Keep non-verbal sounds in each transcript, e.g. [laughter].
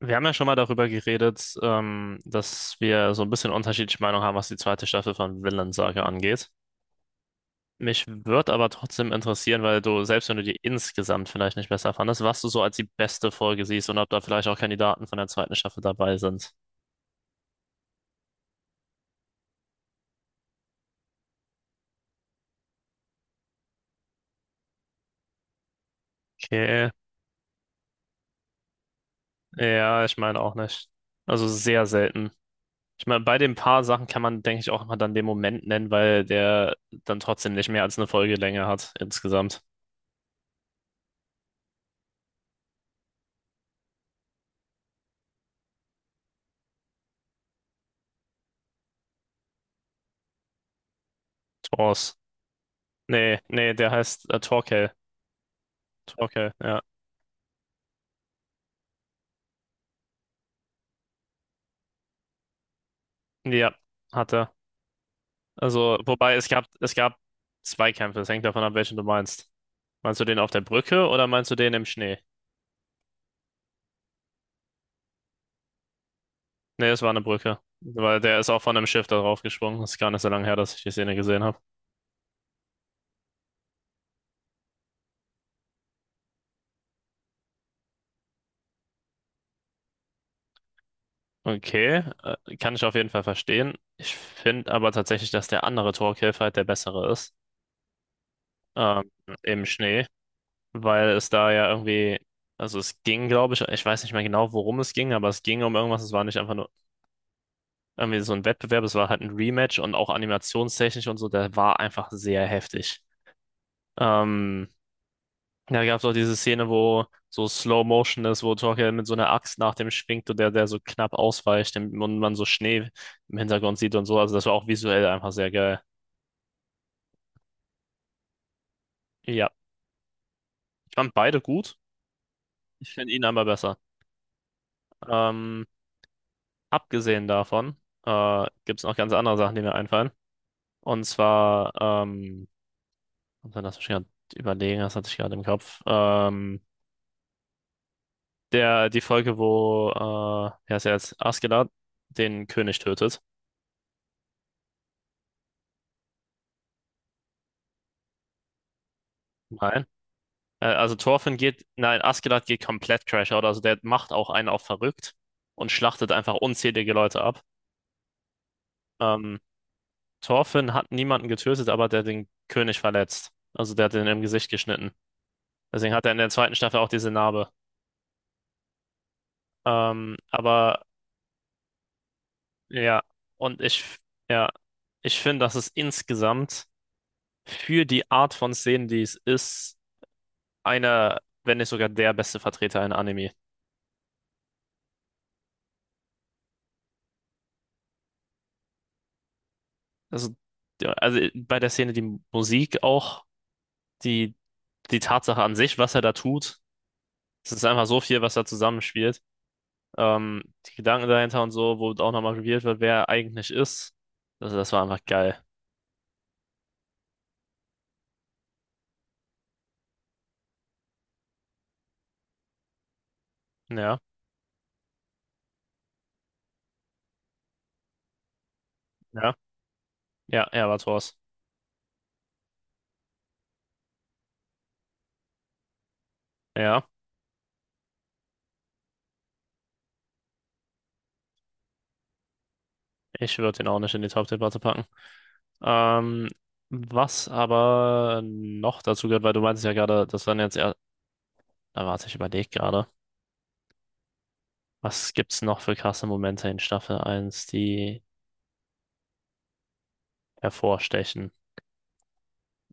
Wir haben ja schon mal darüber geredet, dass wir so ein bisschen unterschiedliche Meinung haben, was die zweite Staffel von Vinland Saga angeht. Mich würde aber trotzdem interessieren, weil du, selbst wenn du die insgesamt vielleicht nicht besser fandest, was du so als die beste Folge siehst und ob da vielleicht auch Kandidaten von der zweiten Staffel dabei sind. Okay, ja, ich meine auch nicht. Also sehr selten. Ich meine, bei den paar Sachen kann man, denke ich, auch mal dann den Moment nennen, weil der dann trotzdem nicht mehr als eine Folgelänge hat insgesamt. Thors. Nee, nee, der heißt Torkel. Torkel, ja. Ja, hat er. Also, wobei es gab zwei Kämpfe. Es hängt davon ab, welchen du meinst. Meinst du den auf der Brücke oder meinst du den im Schnee? Nee, es war eine Brücke. Weil der ist auch von einem Schiff da drauf gesprungen. Das ist gar nicht so lange her, dass ich die Szene gesehen habe. Okay, kann ich auf jeden Fall verstehen. Ich finde aber tatsächlich, dass der andere Torkelf halt der bessere ist. Ähm, Im Schnee. Weil es da ja irgendwie, also es ging, glaube ich, ich weiß nicht mehr genau, worum es ging, aber es ging um irgendwas. Es war nicht einfach nur irgendwie so ein Wettbewerb, es war halt ein Rematch und auch animationstechnisch und so, der war einfach sehr heftig. Ähm, Da gab es auch diese Szene, wo so Slow Motion ist, wo Torkel mit so einer Axt nach dem schwingt und der so knapp ausweicht und man so Schnee im Hintergrund sieht und so. Also das war auch visuell einfach sehr geil. Ja, ich fand beide gut. Ich finde ihn aber besser. Ähm, Abgesehen davon gibt es noch ganz andere Sachen, die mir einfallen. Und zwar, und dann lass mich gerade überlegen, das hatte ich gerade im Kopf. Die Folge, wo, wer ist er jetzt? Askeladd den König tötet. Nein. Also Thorfinn geht, nein, Askeladd geht komplett Crash Out. Also der macht auch einen auf verrückt und schlachtet einfach unzählige Leute ab. Ähm, Thorfinn hat niemanden getötet, aber der hat den König verletzt. Also der hat den im Gesicht geschnitten. Deswegen hat er in der zweiten Staffel auch diese Narbe. Aber ja, und ja, ich finde, dass es insgesamt für die Art von Szenen, die es ist, einer, wenn nicht sogar der beste Vertreter in Anime. Also, ja, also bei der Szene die Musik auch, die, die Tatsache an sich, was er da tut. Es ist einfach so viel, was da zusammenspielt. Die Gedanken dahinter und so, wo auch nochmal revealed wird, wer er eigentlich ist. Also das war einfach geil. Ja, ja, ja, er war Thors. Ja, ich würde den auch nicht in die Top-Debatte packen. Ähm, Was aber noch dazu gehört, weil du meintest ja gerade, das waren jetzt eher, da warte, ich überlege gerade. Was gibt's noch für krasse Momente in Staffel eins, die hervorstechen?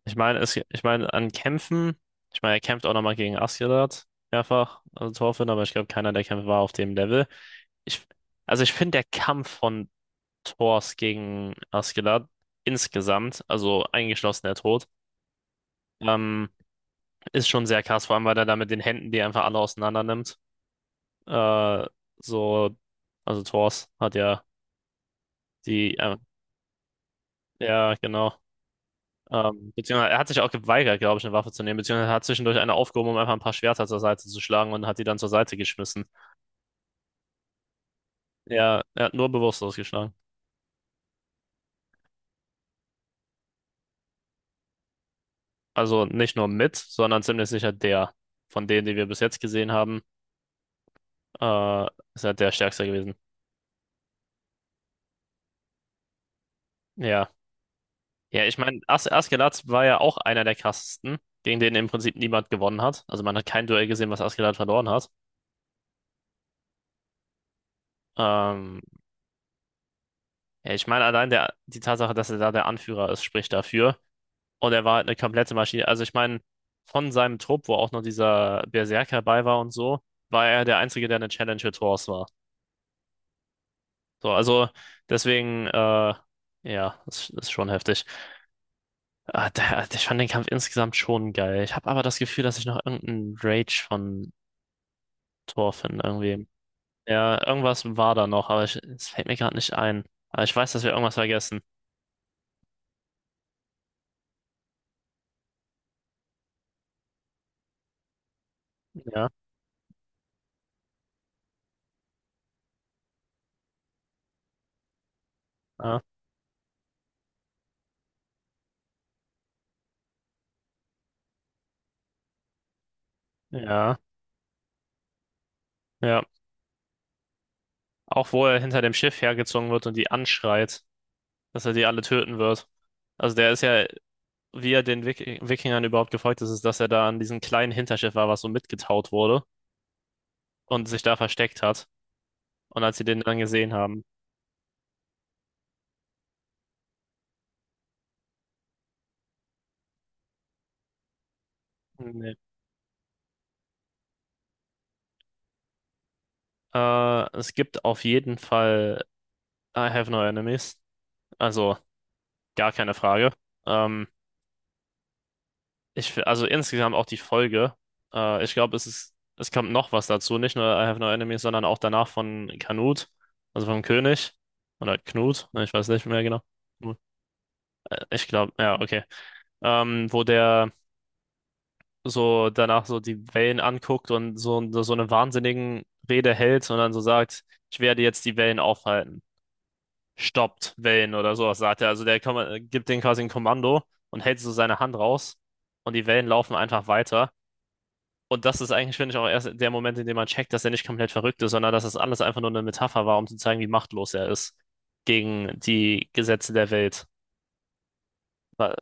Ich meine, ich meine, an Kämpfen, ich meine, er kämpft auch nochmal gegen Asgard mehrfach, also Thor aber ich glaube, keiner der Kämpfe war auf dem Level. Ich, also ich finde der Kampf von Thors gegen Asgard insgesamt, also eingeschlossen der Tod, ähm, ist schon sehr krass, vor allem weil er da mit den Händen die einfach alle auseinander nimmt. Äh, so, also Thors hat ja die, äh, ja genau. Beziehungsweise er hat sich auch geweigert, glaube ich, eine Waffe zu nehmen, beziehungsweise er hat zwischendurch eine aufgehoben, um einfach ein paar Schwerter zur Seite zu schlagen und hat die dann zur Seite geschmissen. Er hat nur bewusstlos geschlagen. Also nicht nur mit, sondern ziemlich sicher der von denen, die wir bis jetzt gesehen haben, äh, ist halt der stärkste gewesen. Ja. Ja, ich meine, As Askeladd war ja auch einer der krassesten, gegen den im Prinzip niemand gewonnen hat. Also man hat kein Duell gesehen, was Askeladd verloren hat. Ähm, ja, ich meine, allein der, die Tatsache, dass er da der Anführer ist, spricht dafür. Und er war halt eine komplette Maschine. Also ich meine, von seinem Trupp, wo auch noch dieser Berserker bei war und so, war er der Einzige, der eine Challenge mit Thors war. So, also deswegen, ja, das ist schon heftig. Ich fand den Kampf insgesamt schon geil. Ich habe aber das Gefühl, dass ich noch irgendeinen Rage von Thor finde, irgendwie. Ja, irgendwas war da noch, aber ich, es fällt mir gerade nicht ein. Aber ich weiß, dass wir irgendwas vergessen. Ja, ja, ja, ja. Auch wo er hinter dem Schiff hergezogen wird und die anschreit, dass er die alle töten wird. Also der ist ja, wie er den Wikingern überhaupt gefolgt ist, ist, dass er da an diesem kleinen Hinterschiff war, was so mitgetaut wurde und sich da versteckt hat. Und als sie den dann gesehen haben, nee. Es gibt auf jeden Fall I have no enemies. Also gar keine Frage. Ähm, also insgesamt auch die Folge. Ich glaube, es kommt noch was dazu. Nicht nur I have no enemies, sondern auch danach von Canute, also vom König. Oder Knut, ne, ich weiß nicht mehr genau. Ich glaube, ja, okay. Wo der so danach so die Wellen anguckt und so, so eine wahnsinnigen Rede hält und dann so sagt, ich werde jetzt die Wellen aufhalten. Stoppt Wellen oder sowas, sagt er. Also der gibt denen quasi ein Kommando und hält so seine Hand raus und die Wellen laufen einfach weiter. Und das ist eigentlich, finde ich, auch erst der Moment, in dem man checkt, dass er nicht komplett verrückt ist, sondern dass das alles einfach nur eine Metapher war, um zu zeigen, wie machtlos er ist gegen die Gesetze der Welt. Wa-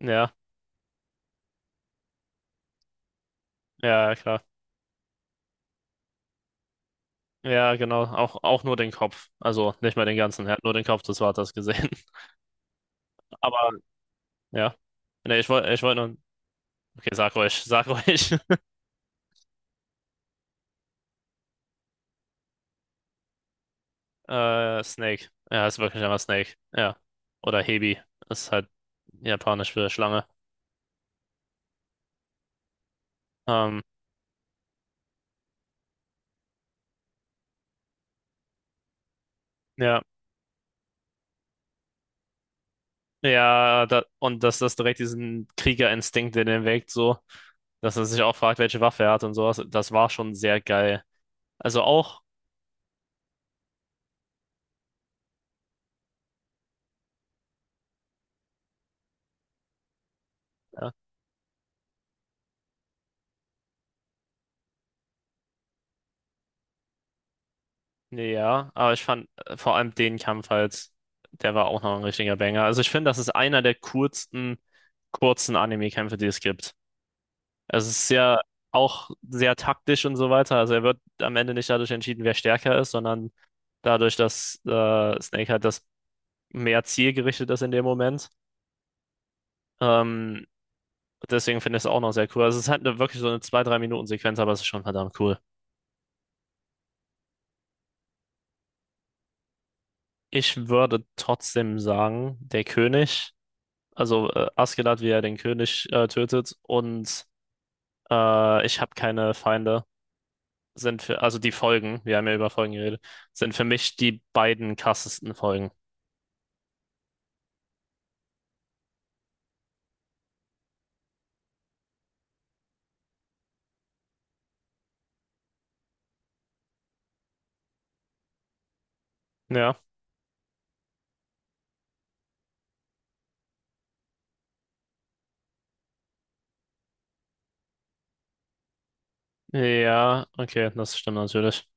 Ja, ja, klar. Ja, genau. Auch, auch nur den Kopf. Also nicht mal den ganzen. Er hat nur den Kopf des Vaters gesehen. [laughs] Aber ja. Nee, ich wollt nur. Okay, sag ruhig, sag ruhig. [laughs] Snake. Ja, ist wirklich einfach Snake. Ja. Oder Hebi. Ist halt japanisch für Schlange. Ähm, ja. Ja, da, und dass das direkt diesen Kriegerinstinkt in den weckt, so, dass er sich auch fragt, welche Waffe er hat und sowas, das war schon sehr geil. Also auch. Nee, ja, aber ich fand vor allem den Kampf halt, der war auch noch ein richtiger Banger. Also ich finde, das ist einer der kurzen, kurzen Anime-Kämpfe, die es gibt. Es ist ja auch sehr taktisch und so weiter. Also er wird am Ende nicht dadurch entschieden, wer stärker ist, sondern dadurch, dass Snake halt das mehr zielgerichtet ist in dem Moment. Ähm, Deswegen finde ich es auch noch sehr cool. Also es ist halt eine, wirklich so eine zwei drei Minuten Sequenz aber es ist schon verdammt cool. Ich würde trotzdem sagen, der König. Also Askeladd, wie er den König tötet. Und ich habe keine Feinde. Sind für, also die Folgen, wir haben ja über Folgen geredet, sind für mich die beiden krassesten Folgen. Ja, ja, okay, das stimmt natürlich.